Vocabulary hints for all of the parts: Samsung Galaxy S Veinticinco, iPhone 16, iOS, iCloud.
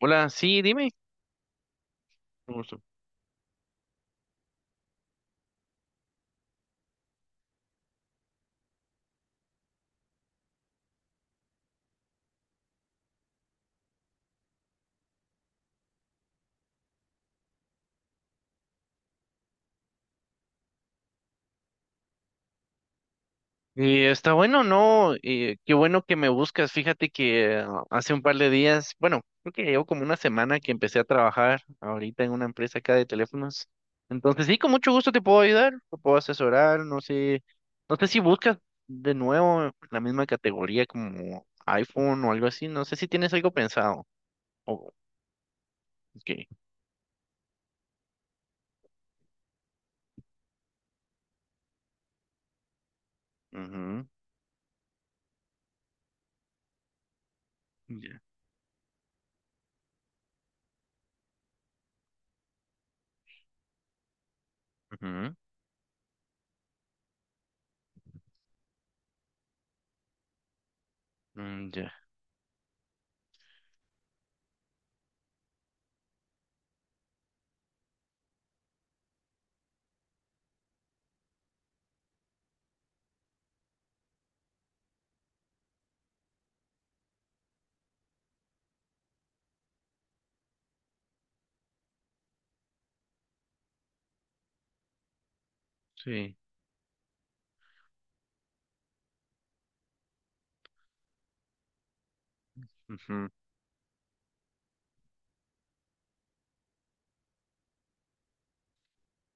Hola, sí, dime. Con gusto. Está bueno, ¿no? Qué bueno que me buscas. Fíjate que hace un par de días, bueno, creo que llevo como una semana que empecé a trabajar ahorita en una empresa acá de teléfonos. Entonces, sí, con mucho gusto te puedo ayudar, te puedo asesorar, no sé, no sé si buscas de nuevo la misma categoría como iPhone o algo así, no sé si tienes algo pensado. Oh, ok. Ujú. Ya. Ujú. Mm, ya. Sí. Ujú.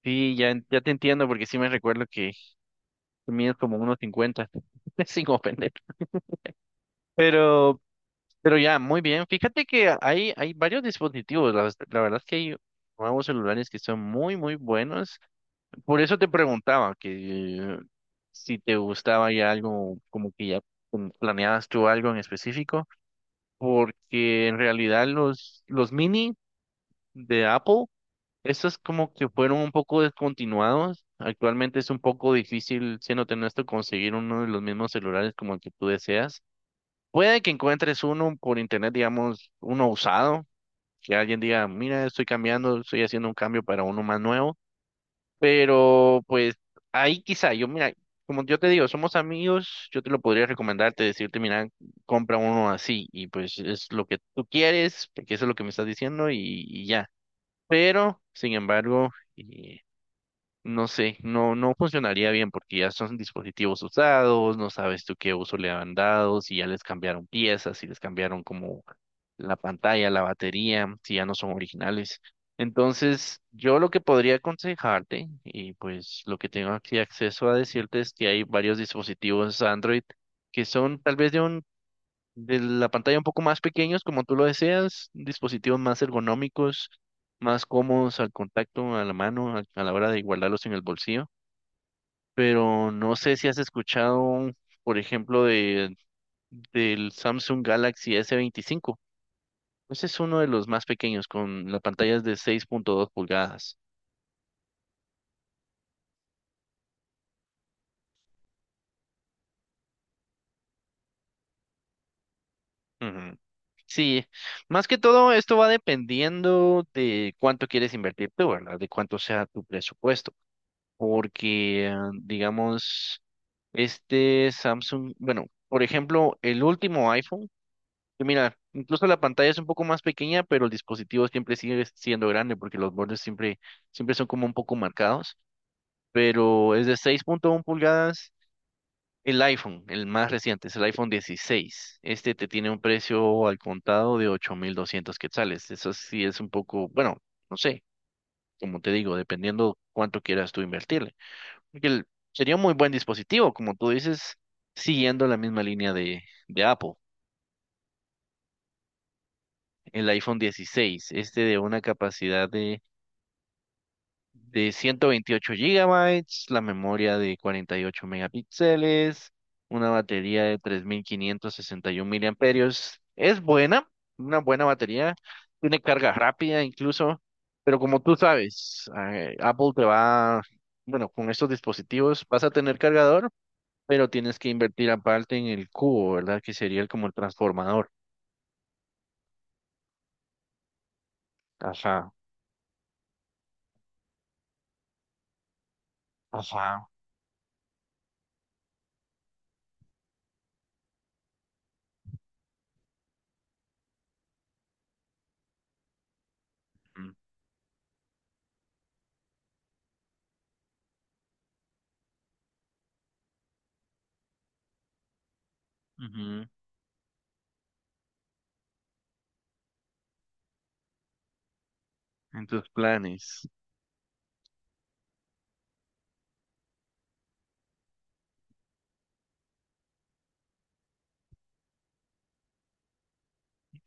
Sí, ya, ya te entiendo porque sí me recuerdo que tú mides como unos 50, sin ofender. Pero, pero ya, muy bien. Fíjate que hay varios dispositivos. La verdad es que hay nuevos celulares que son muy, muy buenos. Por eso te preguntaba que si te gustaba ya algo, como que ya planeabas tú algo en específico, porque en realidad los mini de Apple, estos como que fueron un poco descontinuados. Actualmente es un poco difícil, siéndote honesto, conseguir uno de los mismos celulares como el que tú deseas. Puede que encuentres uno por internet, digamos, uno usado, que alguien diga, mira, estoy cambiando, estoy haciendo un cambio para uno más nuevo, pero pues ahí quizá, yo mira, como yo te digo, somos amigos, yo te lo podría recomendarte, decirte, mira, compra uno así y pues es lo que tú quieres, porque eso es lo que me estás diciendo y ya. Pero, sin embargo, eh, no sé, no, no funcionaría bien porque ya son dispositivos usados, no sabes tú qué uso le han dado, si ya les cambiaron piezas, si les cambiaron como la pantalla, la batería, si ya no son originales. Entonces, yo lo que podría aconsejarte, y pues lo que tengo aquí acceso a decirte es que hay varios dispositivos Android que son tal vez de la pantalla un poco más pequeños, como tú lo deseas, dispositivos más ergonómicos, más cómodos al contacto, a la mano, a la hora de guardarlos en el bolsillo. Pero no sé si has escuchado, por ejemplo, del Samsung Galaxy s veinticinco. Ese es uno de los más pequeños, con las pantallas de 6,2 pulgadas. Ujú. Sí, más que todo esto va dependiendo de cuánto quieres invertir tú, ¿verdad? De cuánto sea tu presupuesto. Porque, digamos, este Samsung, bueno, por ejemplo, el último iPhone, que mira, incluso la pantalla es un poco más pequeña, pero el dispositivo siempre sigue siendo grande porque los bordes siempre son como un poco marcados, pero es de 6,1 pulgadas. El iPhone, el más reciente, es el iPhone dieciséis. Este te tiene un precio al contado de 8.200 quetzales. Eso sí es un poco, bueno, no sé, como te digo, dependiendo cuánto quieras tú invertirle. Porque el- Sería un muy buen dispositivo, como tú dices, siguiendo la misma línea de Apple, el iPhone 16, este de una capacidad de 128 gigabytes, la memoria de 48 megapíxeles, una batería de 3561 miliamperios. Es buena, una buena batería, tiene carga rápida incluso, pero como tú sabes, Apple te va, bueno, con estos dispositivos vas a tener cargador pero tienes que invertir aparte en el cubo, ¿verdad? Que sería como el transformador. Ajá, ajá. Mm. Ujú. En tus planes.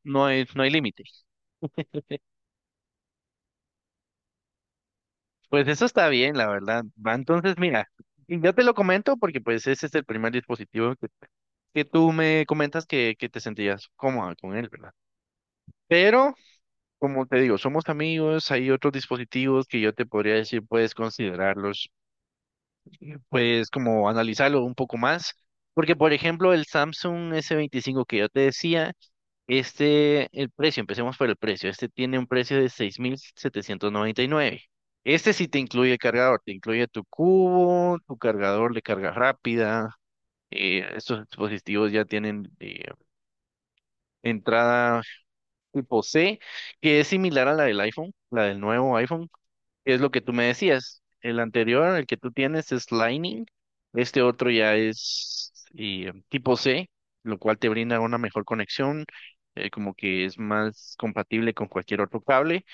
No hay, no hay límite. Pues eso está bien, la verdad. Va, entonces, mira, y yo te lo comento porque pues ese es el primer dispositivo que tú me comentas que te sentías cómoda con él, ¿verdad? Pero, como te digo, somos amigos, hay otros dispositivos que yo te podría decir, puedes considerarlos pues como analizarlo un poco más, porque por ejemplo el Samsung s veinticinco que yo te decía, este, el precio, empecemos por el precio, este tiene un precio de 6.799. Este sí te incluye el cargador, te incluye tu cubo, tu cargador de carga rápida. Estos dispositivos ya tienen entrada tipo C, que es similar a la del iPhone, la del nuevo iPhone, es lo que tú me decías. El anterior, el que tú tienes, es Lightning. Este otro ya es tipo C, lo cual te brinda una mejor conexión, como que es más compatible con cualquier otro cable.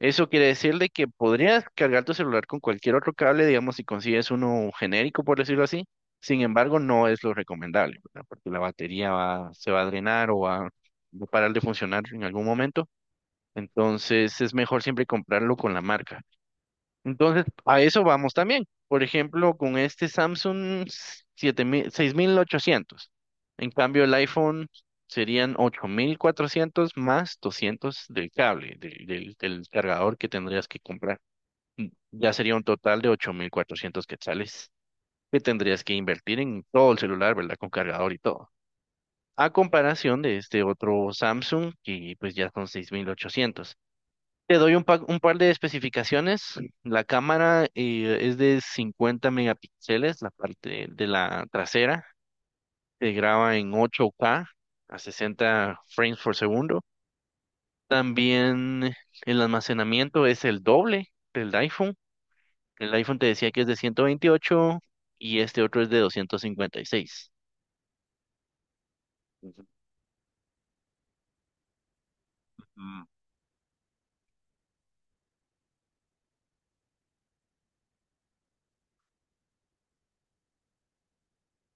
Eso quiere decir de que podrías cargar tu celular con cualquier otro cable, digamos, si consigues uno genérico, por decirlo así. Sin embargo, no es lo recomendable, ¿verdad? Porque la batería va, se va a drenar o va va a parar de funcionar en algún momento. Entonces, es mejor siempre comprarlo con la marca. Entonces, a eso vamos también. Por ejemplo, con este Samsung siete mil 6.800. En cambio, el iPhone serían 8.400 más 200 del cable, del cargador que tendrías que comprar. Y ya sería un total de 8400 quetzales que tendrías que invertir en todo el celular, ¿verdad? Con cargador y todo. A comparación de este otro Samsung, que pues ya son 6.800. Te doy un par de especificaciones. La cámara es de 50 megapíxeles, la parte de la trasera. Se graba en 8K a 60 frames por segundo. También el almacenamiento es el doble del iPhone. El iPhone te decía que es de 128 y este otro es de 256. Ujú. Mm.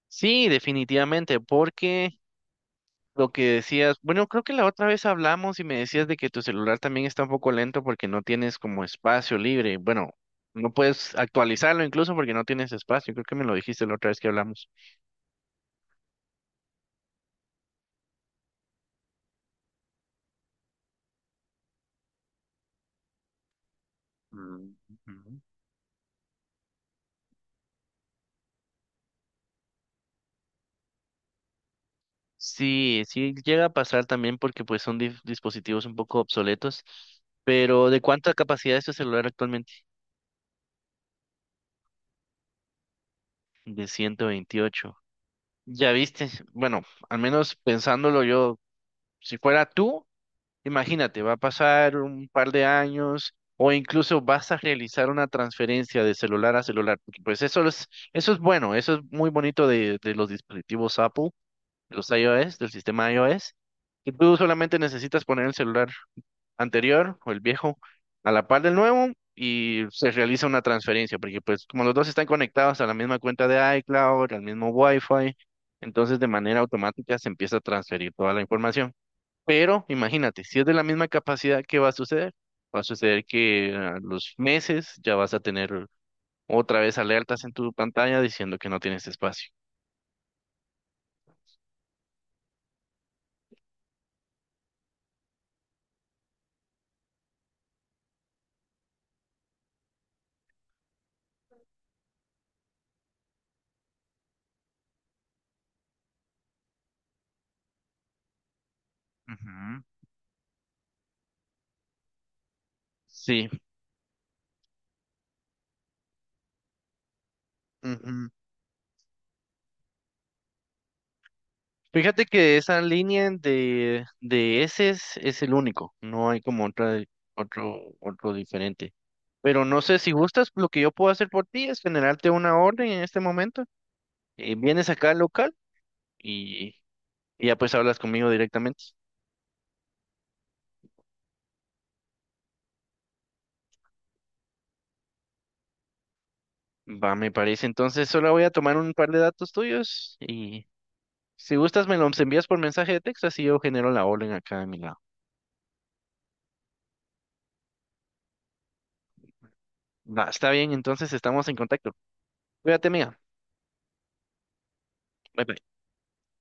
Sí, definitivamente, porque lo que decías, bueno, creo que la otra vez hablamos y me decías de que tu celular también está un poco lento porque no tienes como espacio libre. Bueno, no puedes actualizarlo incluso porque no tienes espacio. Creo que me lo dijiste la otra vez que hablamos. Sí, sí llega a pasar también porque pues son dispositivos un poco obsoletos. Pero ¿de cuánta capacidad es tu celular actualmente? De ciento veintiocho. Ya viste, bueno, al menos pensándolo yo, si fuera tú. Imagínate, va a pasar un par de años o incluso vas a realizar una transferencia de celular a celular, porque pues eso es bueno, eso es muy bonito de los dispositivos Apple, de los iOS, del sistema iOS, que tú solamente necesitas poner el celular anterior o el viejo a la par del nuevo y se realiza una transferencia, porque pues como los dos están conectados a la misma cuenta de iCloud, al mismo Wi-Fi, entonces de manera automática se empieza a transferir toda la información. Pero imagínate, si es de la misma capacidad, ¿qué va a suceder? Va a suceder que a los meses ya vas a tener otra vez alertas en tu pantalla diciendo que no tienes espacio. Ujú. Sí. Ujú. Fíjate que de esa línea de ese es el único. No hay como otra, otro diferente. Pero no sé si gustas, lo que yo puedo hacer por ti es generarte una orden en este momento. Vienes acá al local y, y ya pues hablas conmigo directamente. Va, me parece. Entonces solo voy a tomar un par de datos tuyos y si gustas me los envías por mensaje de texto, así yo genero la orden acá de mi lado. Va, está bien, entonces estamos en contacto. Cuídate, mía. Bye bye.